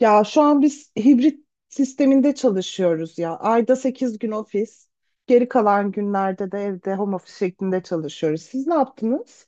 Ya şu an biz hibrit sisteminde çalışıyoruz ya. Ayda 8 gün ofis, geri kalan günlerde de evde home office şeklinde çalışıyoruz. Siz ne yaptınız?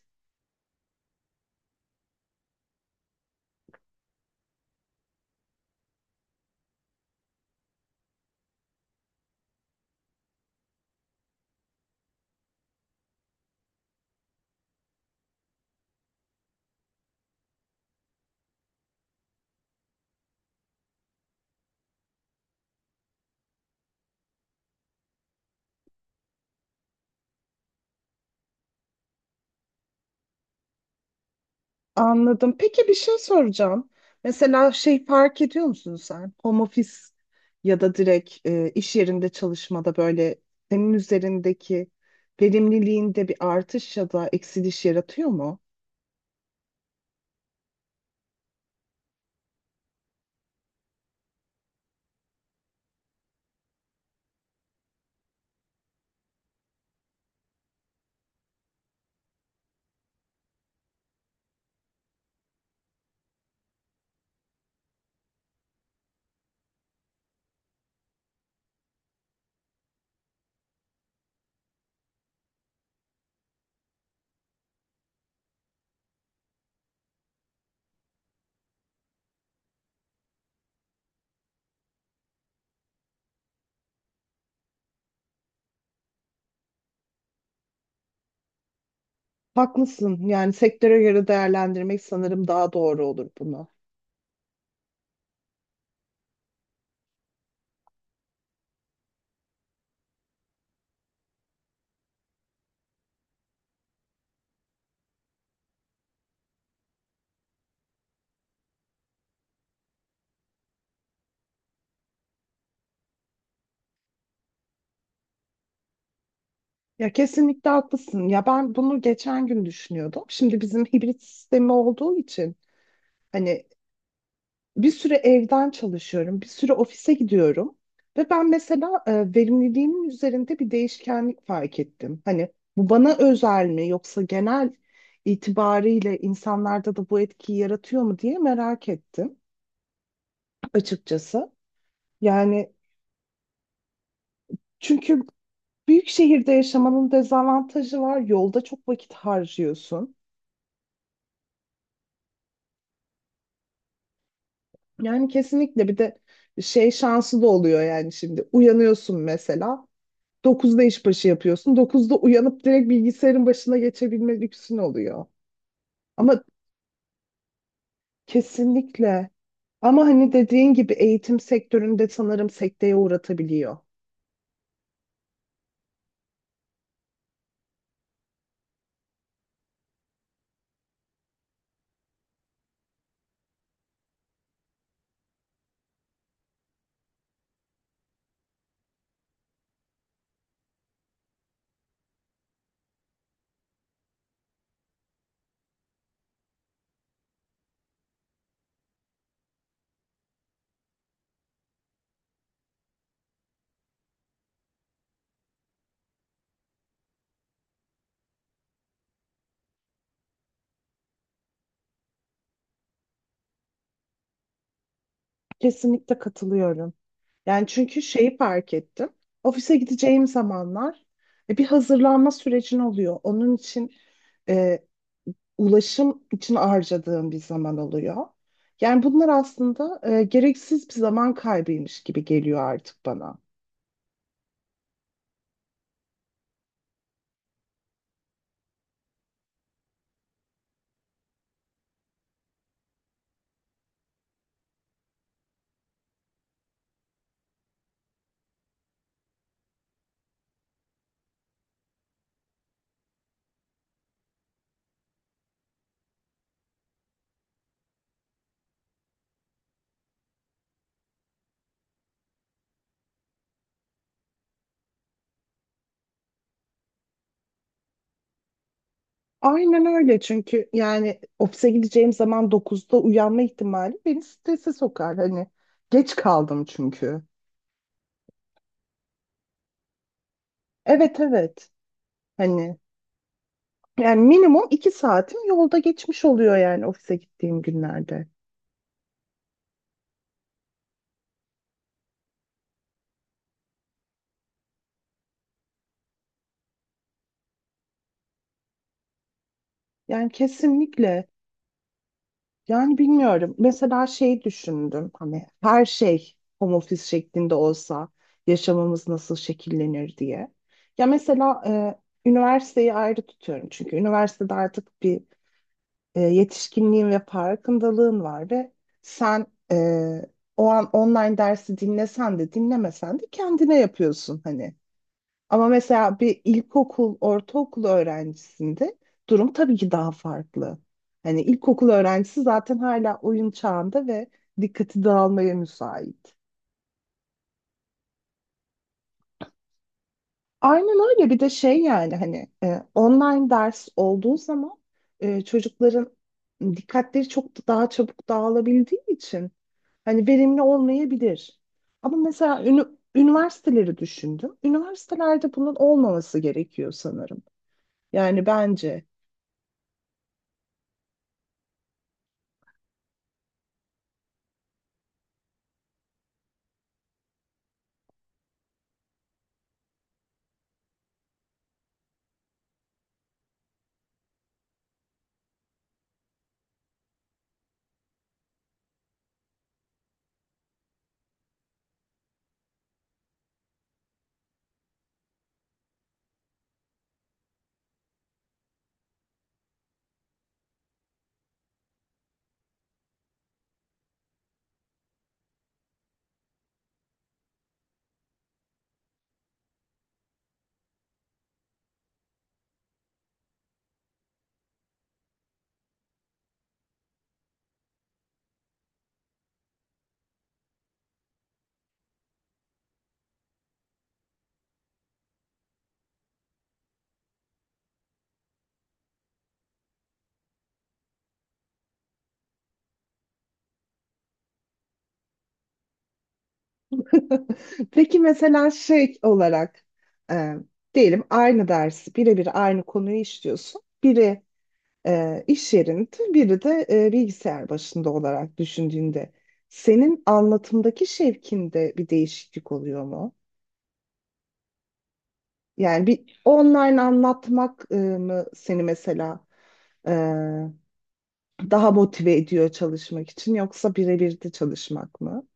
Anladım. Peki bir şey soracağım. Mesela şey fark ediyor musun sen? Home office ya da direkt iş yerinde çalışmada böyle senin üzerindeki verimliliğinde bir artış ya da eksiliş yaratıyor mu? Haklısın. Yani sektöre göre değerlendirmek sanırım daha doğru olur bunu. Ya kesinlikle haklısın. Ya ben bunu geçen gün düşünüyordum. Şimdi bizim hibrit sistemi olduğu için hani bir süre evden çalışıyorum, bir süre ofise gidiyorum ve ben mesela verimliliğimin üzerinde bir değişkenlik fark ettim. Hani bu bana özel mi yoksa genel itibariyle insanlarda da bu etkiyi yaratıyor mu diye merak ettim açıkçası. Yani çünkü büyük şehirde yaşamanın dezavantajı var. Yolda çok vakit harcıyorsun. Yani kesinlikle bir de şey şansı da oluyor yani şimdi uyanıyorsun mesela 9'da işbaşı yapıyorsun, 9'da uyanıp direkt bilgisayarın başına geçebilme lüksün oluyor. Ama kesinlikle ama hani dediğin gibi eğitim sektöründe sanırım sekteye uğratabiliyor. Kesinlikle katılıyorum. Yani çünkü şeyi fark ettim. Ofise gideceğim zamanlar bir hazırlanma sürecin oluyor. Onun için e, ulaşım için harcadığım bir zaman oluyor. Yani bunlar aslında gereksiz bir zaman kaybıymış gibi geliyor artık bana. Aynen öyle çünkü yani ofise gideceğim zaman 9'da uyanma ihtimali beni strese sokar. Hani geç kaldım çünkü. Evet, evet, hani yani minimum 2 saatim yolda geçmiş oluyor yani ofise gittiğim günlerde. Yani kesinlikle yani bilmiyorum mesela şey düşündüm hani her şey home office şeklinde olsa yaşamımız nasıl şekillenir diye. Ya mesela üniversiteyi ayrı tutuyorum çünkü üniversitede artık bir yetişkinliğin ve farkındalığın var ve sen e, o an online dersi dinlesen de dinlemesen de kendine yapıyorsun hani. Ama mesela bir ilkokul, ortaokul öğrencisinde durum tabii ki daha farklı. Hani ilkokul öğrencisi zaten hala oyun çağında ve dikkati dağılmaya müsait. Aynen öyle. Bir de şey yani hani online ders olduğu zaman çocukların dikkatleri çok daha çabuk dağılabildiği için hani verimli olmayabilir. Ama mesela üniversiteleri düşündüm. Üniversitelerde bunun olmaması gerekiyor sanırım. Yani bence. Peki mesela şey olarak e, diyelim aynı dersi birebir aynı konuyu işliyorsun. Biri iş yerinde, biri de bilgisayar başında olarak düşündüğünde senin anlatımdaki şevkinde bir değişiklik oluyor mu? Yani bir online anlatmak mı seni mesela e, daha motive ediyor çalışmak için yoksa birebir de çalışmak mı?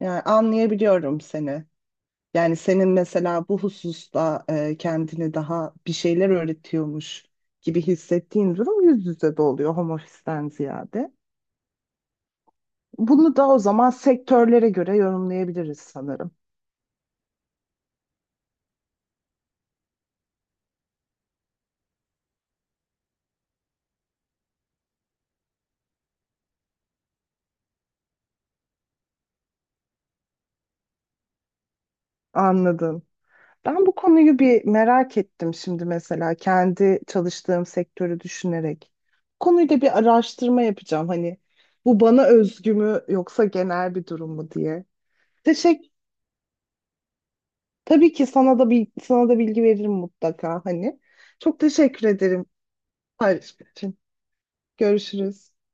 Yani anlayabiliyorum seni. Yani senin mesela bu hususta kendini daha bir şeyler öğretiyormuş gibi hissettiğin durum yüz yüze de oluyor home office'ten ziyade. Bunu da o zaman sektörlere göre yorumlayabiliriz sanırım. Anladım. Ben bu konuyu bir merak ettim şimdi mesela kendi çalıştığım sektörü düşünerek. Bu konuyla bir araştırma yapacağım hani bu bana özgü mü yoksa genel bir durum mu diye. Teşekkür tabii ki sana da bir sana da bilgi veririm mutlaka hani. Çok teşekkür ederim paylaşım için. Görüşürüz.